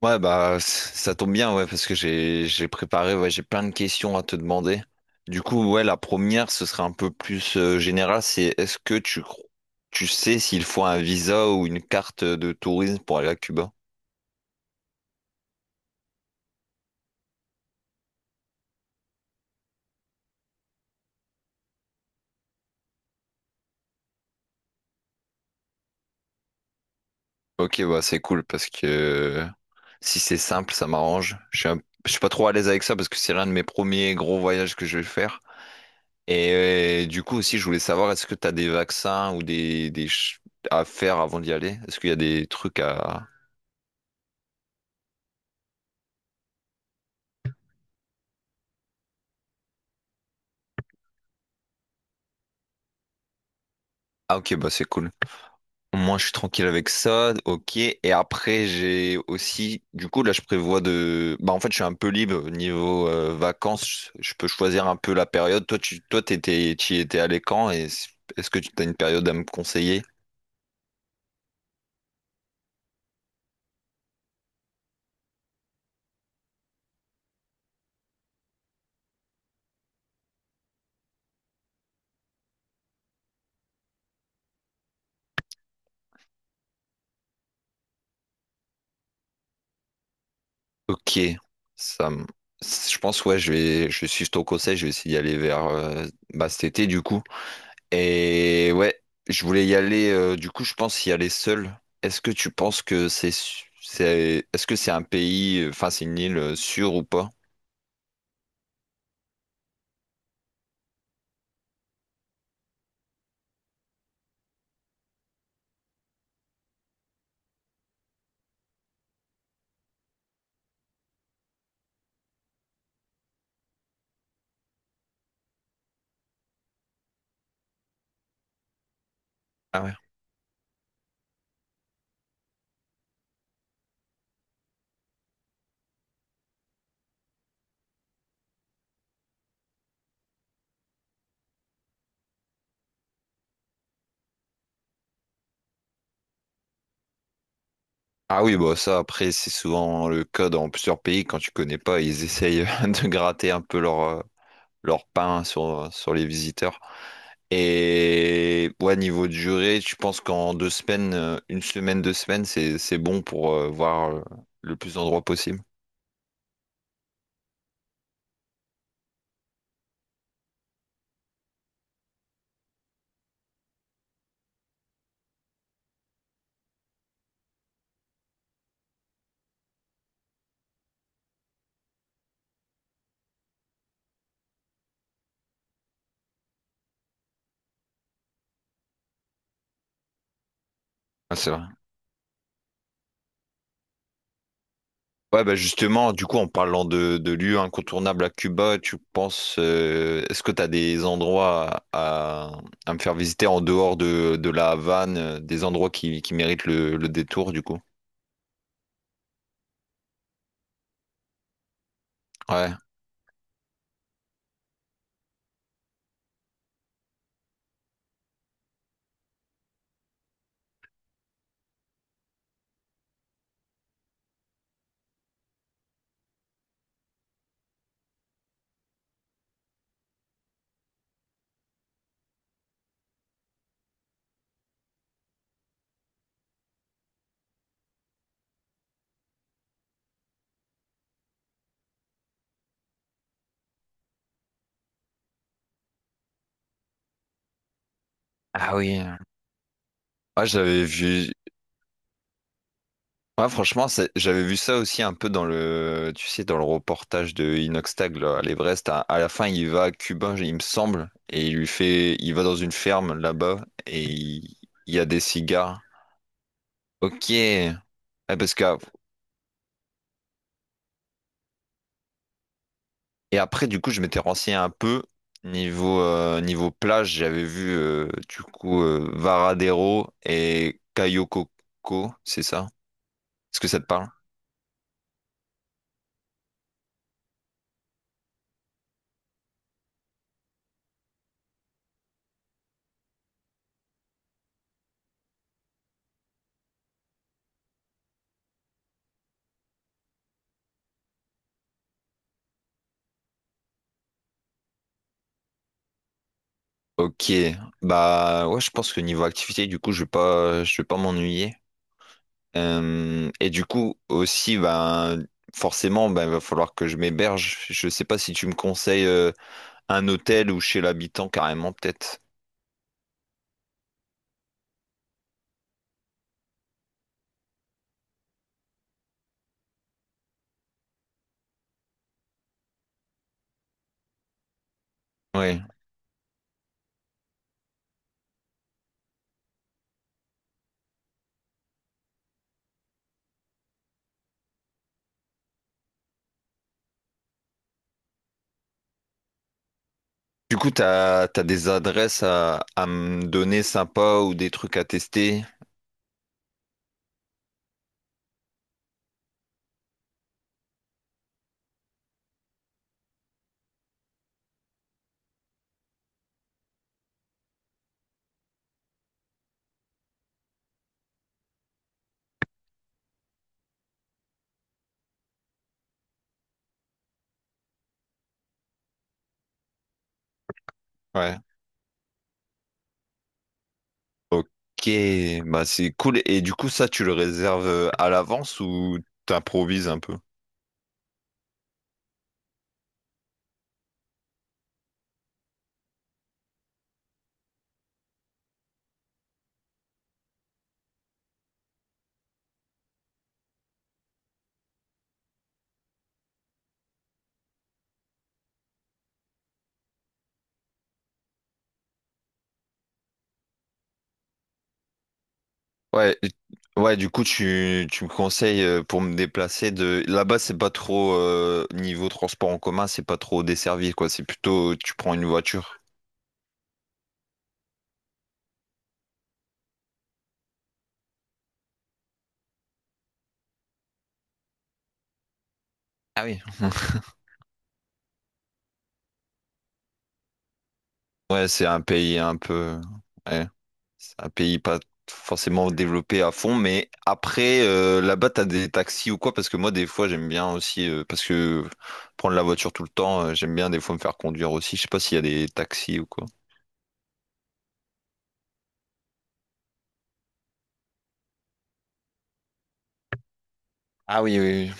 Ouais, bah, ça tombe bien, ouais, parce que j'ai préparé, ouais, j'ai plein de questions à te demander. Du coup, ouais, la première, ce serait un peu plus général, c'est est-ce que tu sais s'il faut un visa ou une carte de tourisme pour aller à Cuba? Ok, bah, c'est cool, parce que si c'est simple, ça m'arrange. Je suis pas trop à l'aise avec ça, parce que c'est l'un de mes premiers gros voyages que je vais faire. Et du coup aussi, je voulais savoir, est-ce que tu as des vaccins ou à faire avant d'y aller? Est-ce qu'il y a des trucs à... Ah ok, bah c'est cool. Au moins je suis tranquille avec ça, ok. Et après j'ai aussi, du coup là je prévois de... Bah en fait je suis un peu libre au niveau vacances, je peux choisir un peu la période. Toi, t'étais, tu y étais allé quand et est-ce que tu as une période à me conseiller? Ok, ça me- Je pense ouais, je suis ton conseil, je vais essayer d'y aller vers bah, cet été du coup. Et ouais, je voulais y aller. Du coup, je pense y aller seul. Est-ce que tu penses que c'est est-ce que c'est un pays, enfin c'est une île sûre ou pas? Ah ouais. Ah oui, bah ça après c'est souvent le cas dans plusieurs pays quand tu connais pas, ils essayent de gratter un peu leur leur pain sur les visiteurs. Et ouais, niveau de durée, tu penses qu'en deux semaines, une semaine, deux semaines, c'est bon pour voir le plus d'endroits possible. Ah, c'est vrai. Ouais, bah justement, du coup, en parlant de lieux incontournables à Cuba, tu penses, est-ce que tu as des endroits me faire visiter en dehors de la Havane, des endroits qui méritent le détour, du coup? Ouais. Ah oui. Ouais, j'avais vu. Ouais, franchement, j'avais vu ça aussi un peu dans le, tu sais, dans le reportage de Inoxtag, là, à l'Everest. À la fin, il va à Cuba, il me semble, et il va dans une ferme là-bas, et il y a des cigares. Ok. Ouais, parce que et après, du coup, je m'étais renseigné un peu niveau, niveau plage. J'avais vu, du coup, Varadero et Cayocoko, c'est ça? Est-ce que ça te parle? Ok, bah ouais, je pense que niveau activité, du coup, je vais pas m'ennuyer. Et du coup, aussi, ben forcément, ben il va falloir que je m'héberge. Je sais pas si tu me conseilles un hôtel ou chez l'habitant carrément, peut-être. Ouais. Du coup, t'as des adresses à me donner sympas ou des trucs à tester? Ouais. Ok, bah c'est cool. Et du coup, ça, tu le réserves à l'avance ou t'improvises un peu? Ouais, ouais, du coup, tu me conseilles pour me déplacer de... Là-bas, c'est pas trop... niveau transport en commun, c'est pas trop desservi, quoi. C'est plutôt, tu prends une voiture. Ah oui. Ouais, c'est un pays un peu... ouais. C'est un pays pas forcément développé à fond, mais après, là-bas, t'as des taxis ou quoi? Parce que moi, des fois, j'aime bien aussi, parce que prendre la voiture tout le temps, j'aime bien des fois me faire conduire aussi. Je sais pas s'il y a des taxis ou quoi. Ah oui, oui,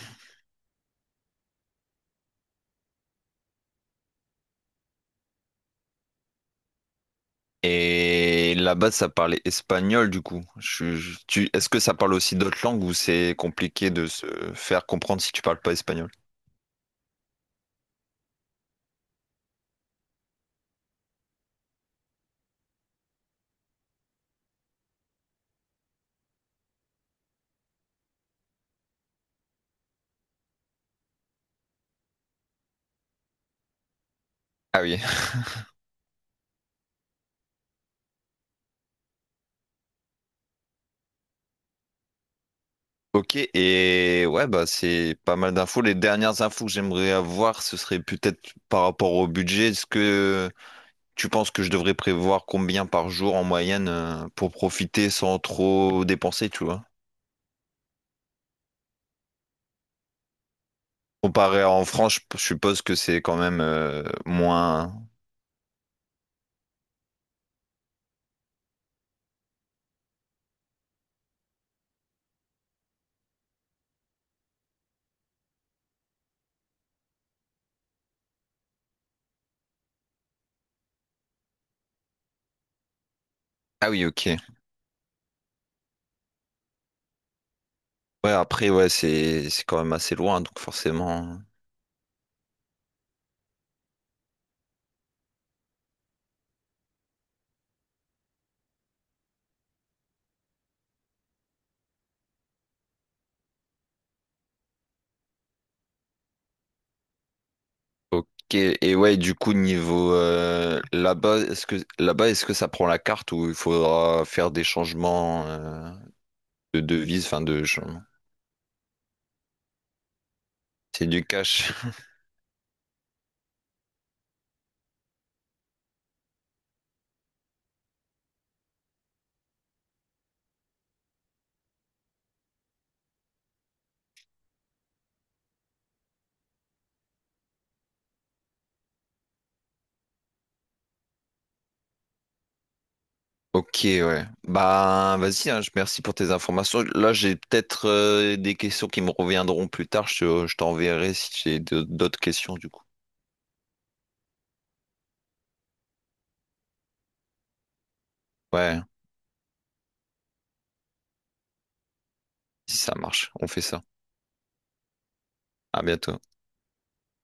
et là-bas, ça parlait espagnol, du coup. Est-ce que ça parle aussi d'autres langues ou c'est compliqué de se faire comprendre si tu parles pas espagnol? Ah oui. Ok, et ouais, bah c'est pas mal d'infos. Les dernières infos que j'aimerais avoir, ce serait peut-être par rapport au budget. Est-ce que tu penses que je devrais prévoir combien par jour en moyenne pour profiter sans trop dépenser, tu vois? Comparé à en France, je suppose que c'est quand même moins. Ah oui, ok. Ouais, après, ouais, c'est quand même assez loin, donc forcément. Ok. Et ouais, du coup, niveau là-bas, est-ce que ça prend la carte ou il faudra faire des changements de devises, enfin de changement? C'est du cash. Ok, ouais. Bah, vas-y, hein, merci pour tes informations. Là, j'ai peut-être des questions qui me reviendront plus tard. Je t'enverrai si j'ai d'autres questions, du coup. Ouais, si ça marche, on fait ça. À bientôt.